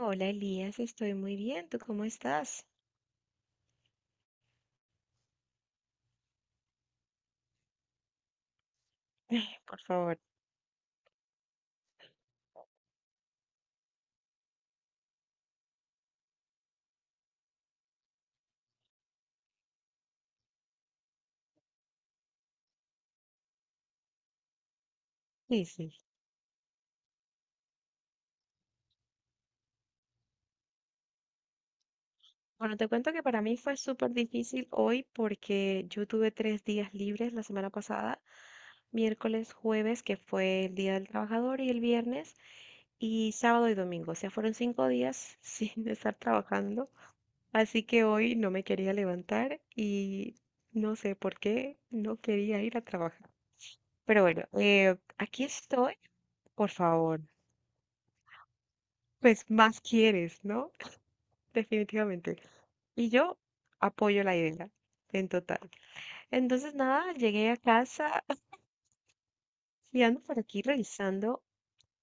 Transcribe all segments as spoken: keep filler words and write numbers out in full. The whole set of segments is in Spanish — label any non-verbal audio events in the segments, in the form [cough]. Hola Elías, estoy muy bien. ¿Tú cómo estás? [laughs] Ay, por favor, difícil. Bueno, te cuento que para mí fue súper difícil hoy porque yo tuve tres días libres la semana pasada, miércoles, jueves, que fue el Día del Trabajador, y el viernes, y sábado y domingo. O sea, fueron cinco días [laughs] sin estar trabajando. Así que hoy no me quería levantar y no sé por qué no quería ir a trabajar. Pero bueno, eh, aquí estoy, por favor. Pues más quieres, ¿no? Definitivamente. Y yo apoyo la idea en total. Entonces, nada, llegué a casa [laughs] y ando por aquí revisando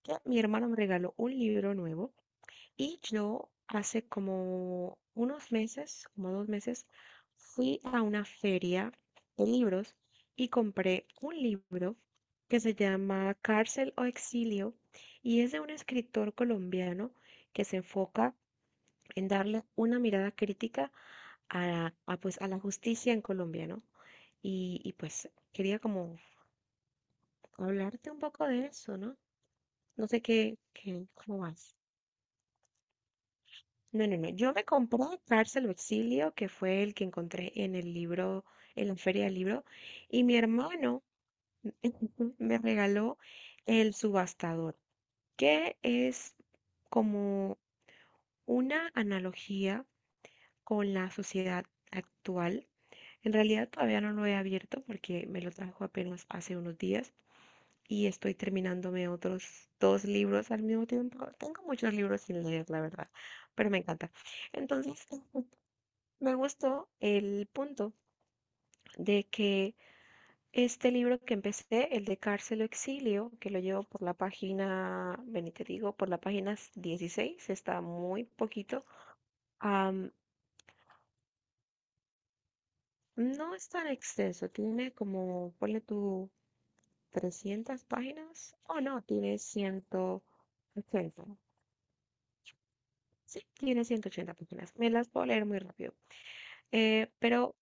que mi hermana me regaló un libro nuevo y yo hace como unos meses, como dos meses, fui a una feria de libros y compré un libro que se llama Cárcel o Exilio y es de un escritor colombiano que se enfoca en darle una mirada crítica a, a, pues, a la justicia en Colombia, ¿no? Y, y pues quería como hablarte un poco de eso, ¿no? No sé qué, qué, cómo vas. No, no, no. Yo me compré Cárcel o Exilio, que fue el que encontré en el libro, en la feria del libro, y mi hermano [laughs] me regaló El Subastador, que es como una analogía con la sociedad actual. En realidad todavía no lo he abierto porque me lo trajo apenas hace unos días y estoy terminándome otros dos libros al mismo tiempo. Tengo muchos libros sin leer, la verdad, pero me encanta. Entonces, me gustó el punto de que este libro que empecé, el de Cárcel o Exilio, que lo llevo por la página, ven y te digo, por la página dieciséis, está muy poquito. am, no es tan extenso, tiene como, ponle tu trescientas páginas. Oh, no, tiene ciento ochenta. Sí, tiene ciento ochenta páginas. Me las puedo leer muy rápido. Eh, pero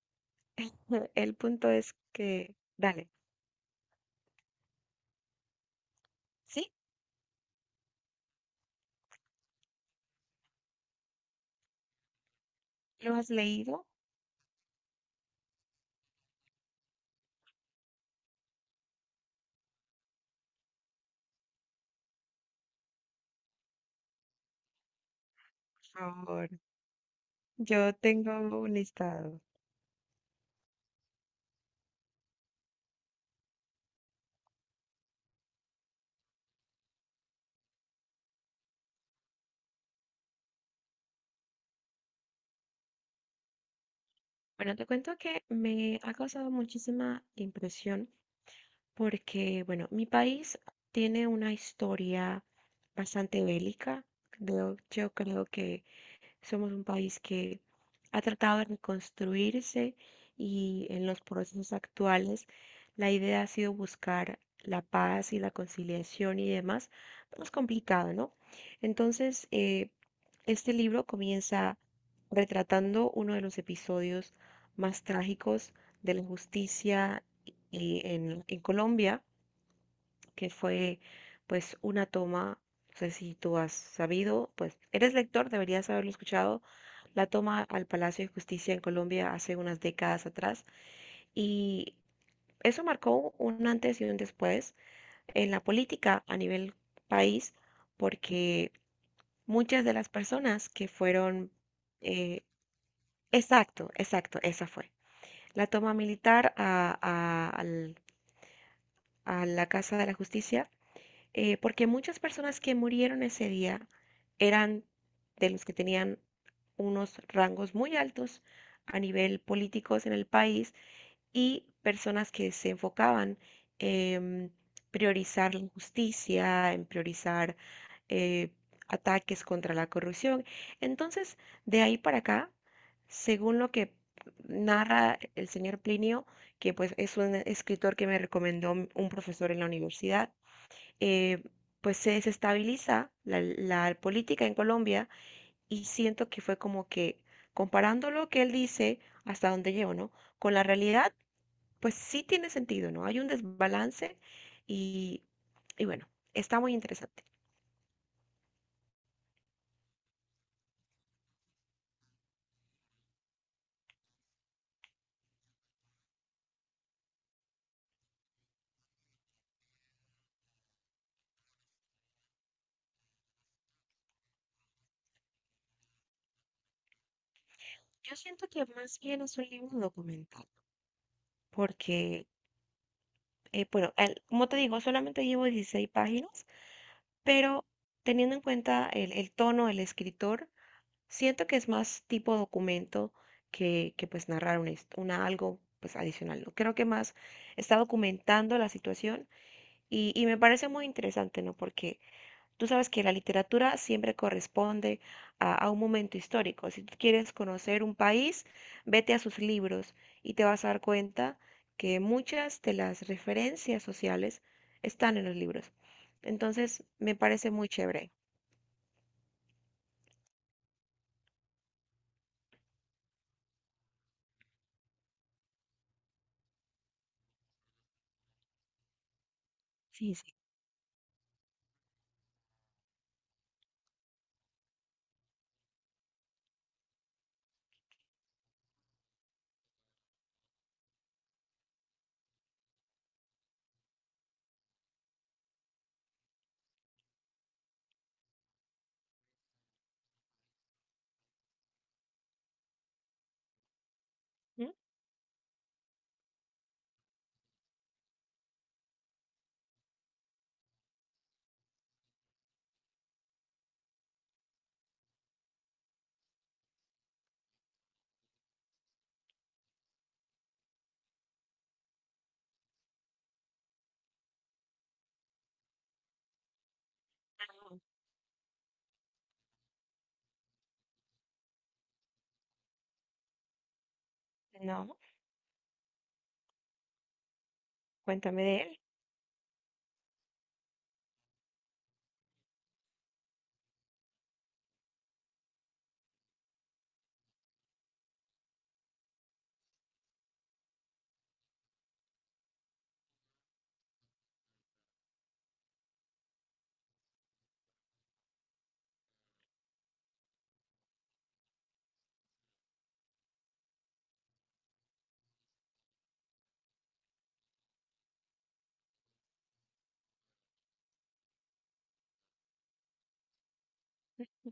[laughs] el punto es que, dale, ¿sí? ¿Lo has leído? Por favor. Yo tengo un listado. Bueno, te cuento que me ha causado muchísima impresión porque, bueno, mi país tiene una historia bastante bélica. Creo- yo creo que somos un país que ha tratado de reconstruirse, y en los procesos actuales la idea ha sido buscar la paz y la conciliación y demás, pero es complicado, ¿no? Entonces, eh, este libro comienza retratando uno de los episodios más trágicos de la justicia eh, en, en Colombia, que fue pues una toma. No sé si tú has sabido, pues eres lector, deberías haberlo escuchado, la toma al Palacio de Justicia en Colombia hace unas décadas atrás, y eso marcó un antes y un después en la política a nivel país porque muchas de las personas que fueron, eh, exacto, exacto, esa fue. La toma militar a, a al- a la Casa de la Justicia, eh, porque muchas personas que murieron ese día eran de los que tenían unos rangos muy altos a nivel políticos en el país y personas que se enfocaban en priorizar la justicia, en priorizar, eh, ataques contra la corrupción. Entonces, de ahí para acá, según lo que narra el señor Plinio, que pues es un escritor que me recomendó un profesor en la universidad, eh, pues se desestabiliza la, la política en Colombia, y siento que fue como que comparando lo que él dice hasta dónde llegó, ¿no? Con la realidad, pues sí tiene sentido, ¿no? Hay un desbalance y, y bueno, está muy interesante. Yo siento que más bien es un libro documental, porque, eh, bueno, el- como te digo, solamente llevo dieciséis páginas, pero teniendo en cuenta el el tono del escritor, siento que es más tipo documento que, que pues narrar una, his- una algo pues adicional, ¿no? Creo que más está documentando la situación y, y me parece muy interesante, ¿no? Porque tú sabes que la literatura siempre corresponde a, a un momento histórico. Si tú quieres conocer un país, vete a sus libros y te vas a dar cuenta que muchas de las referencias sociales están en los libros. Entonces, me parece muy chévere. Sí, sí. ¿Mm? No, no, cuéntame de él. Mm.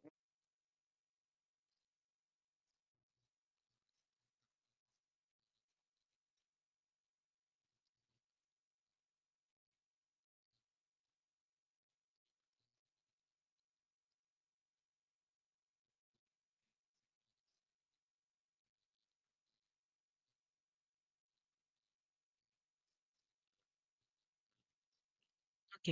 Ok.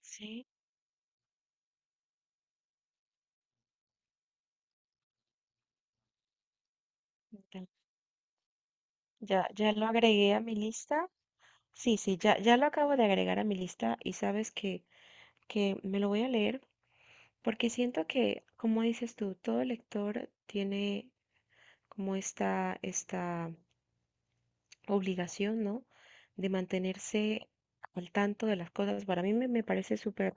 Sí. Enten- Ya, ya lo agregué a mi lista. Sí, sí, ya, ya lo acabo de agregar a mi lista, y sabes que, que me lo voy a leer porque siento que, como dices tú, todo lector tiene como esta, esta obligación, ¿no? De mantenerse al tanto de las cosas. Para mí me, me parece súper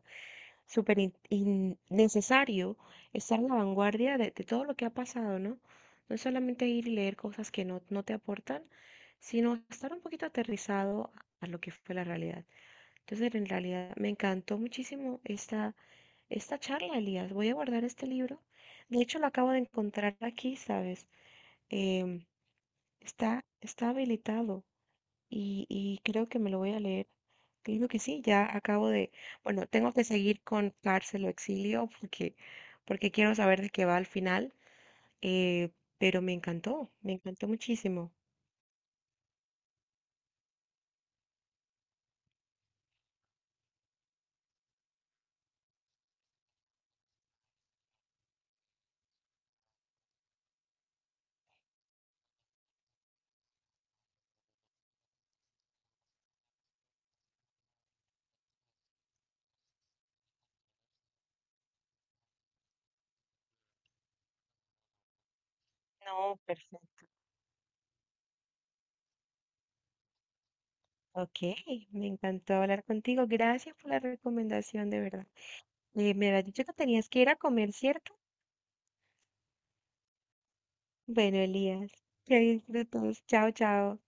súper in- in- necesario estar en la vanguardia de, de todo lo que ha pasado, ¿no? No es solamente ir y leer cosas que no, no te aportan, sino estar un poquito aterrizado a lo que fue la realidad. Entonces, en realidad, me encantó muchísimo esta, esta charla, Elías. Voy a guardar este libro. De hecho, lo acabo de encontrar aquí, ¿sabes? Em, está, está habilitado y, y creo que me lo voy a leer. Creo que sí, ya acabo de, bueno, tengo que seguir con Cárcel o Exilio porque, porque quiero saber de qué va al final. eh, pero me encantó, me encantó muchísimo. No, perfecto. Ok, me encantó hablar contigo. Gracias por la recomendación, de verdad. Eh, me habías dicho que tenías que ir a comer, ¿cierto? Bueno, Elías, que disfrutes. Chao, chao.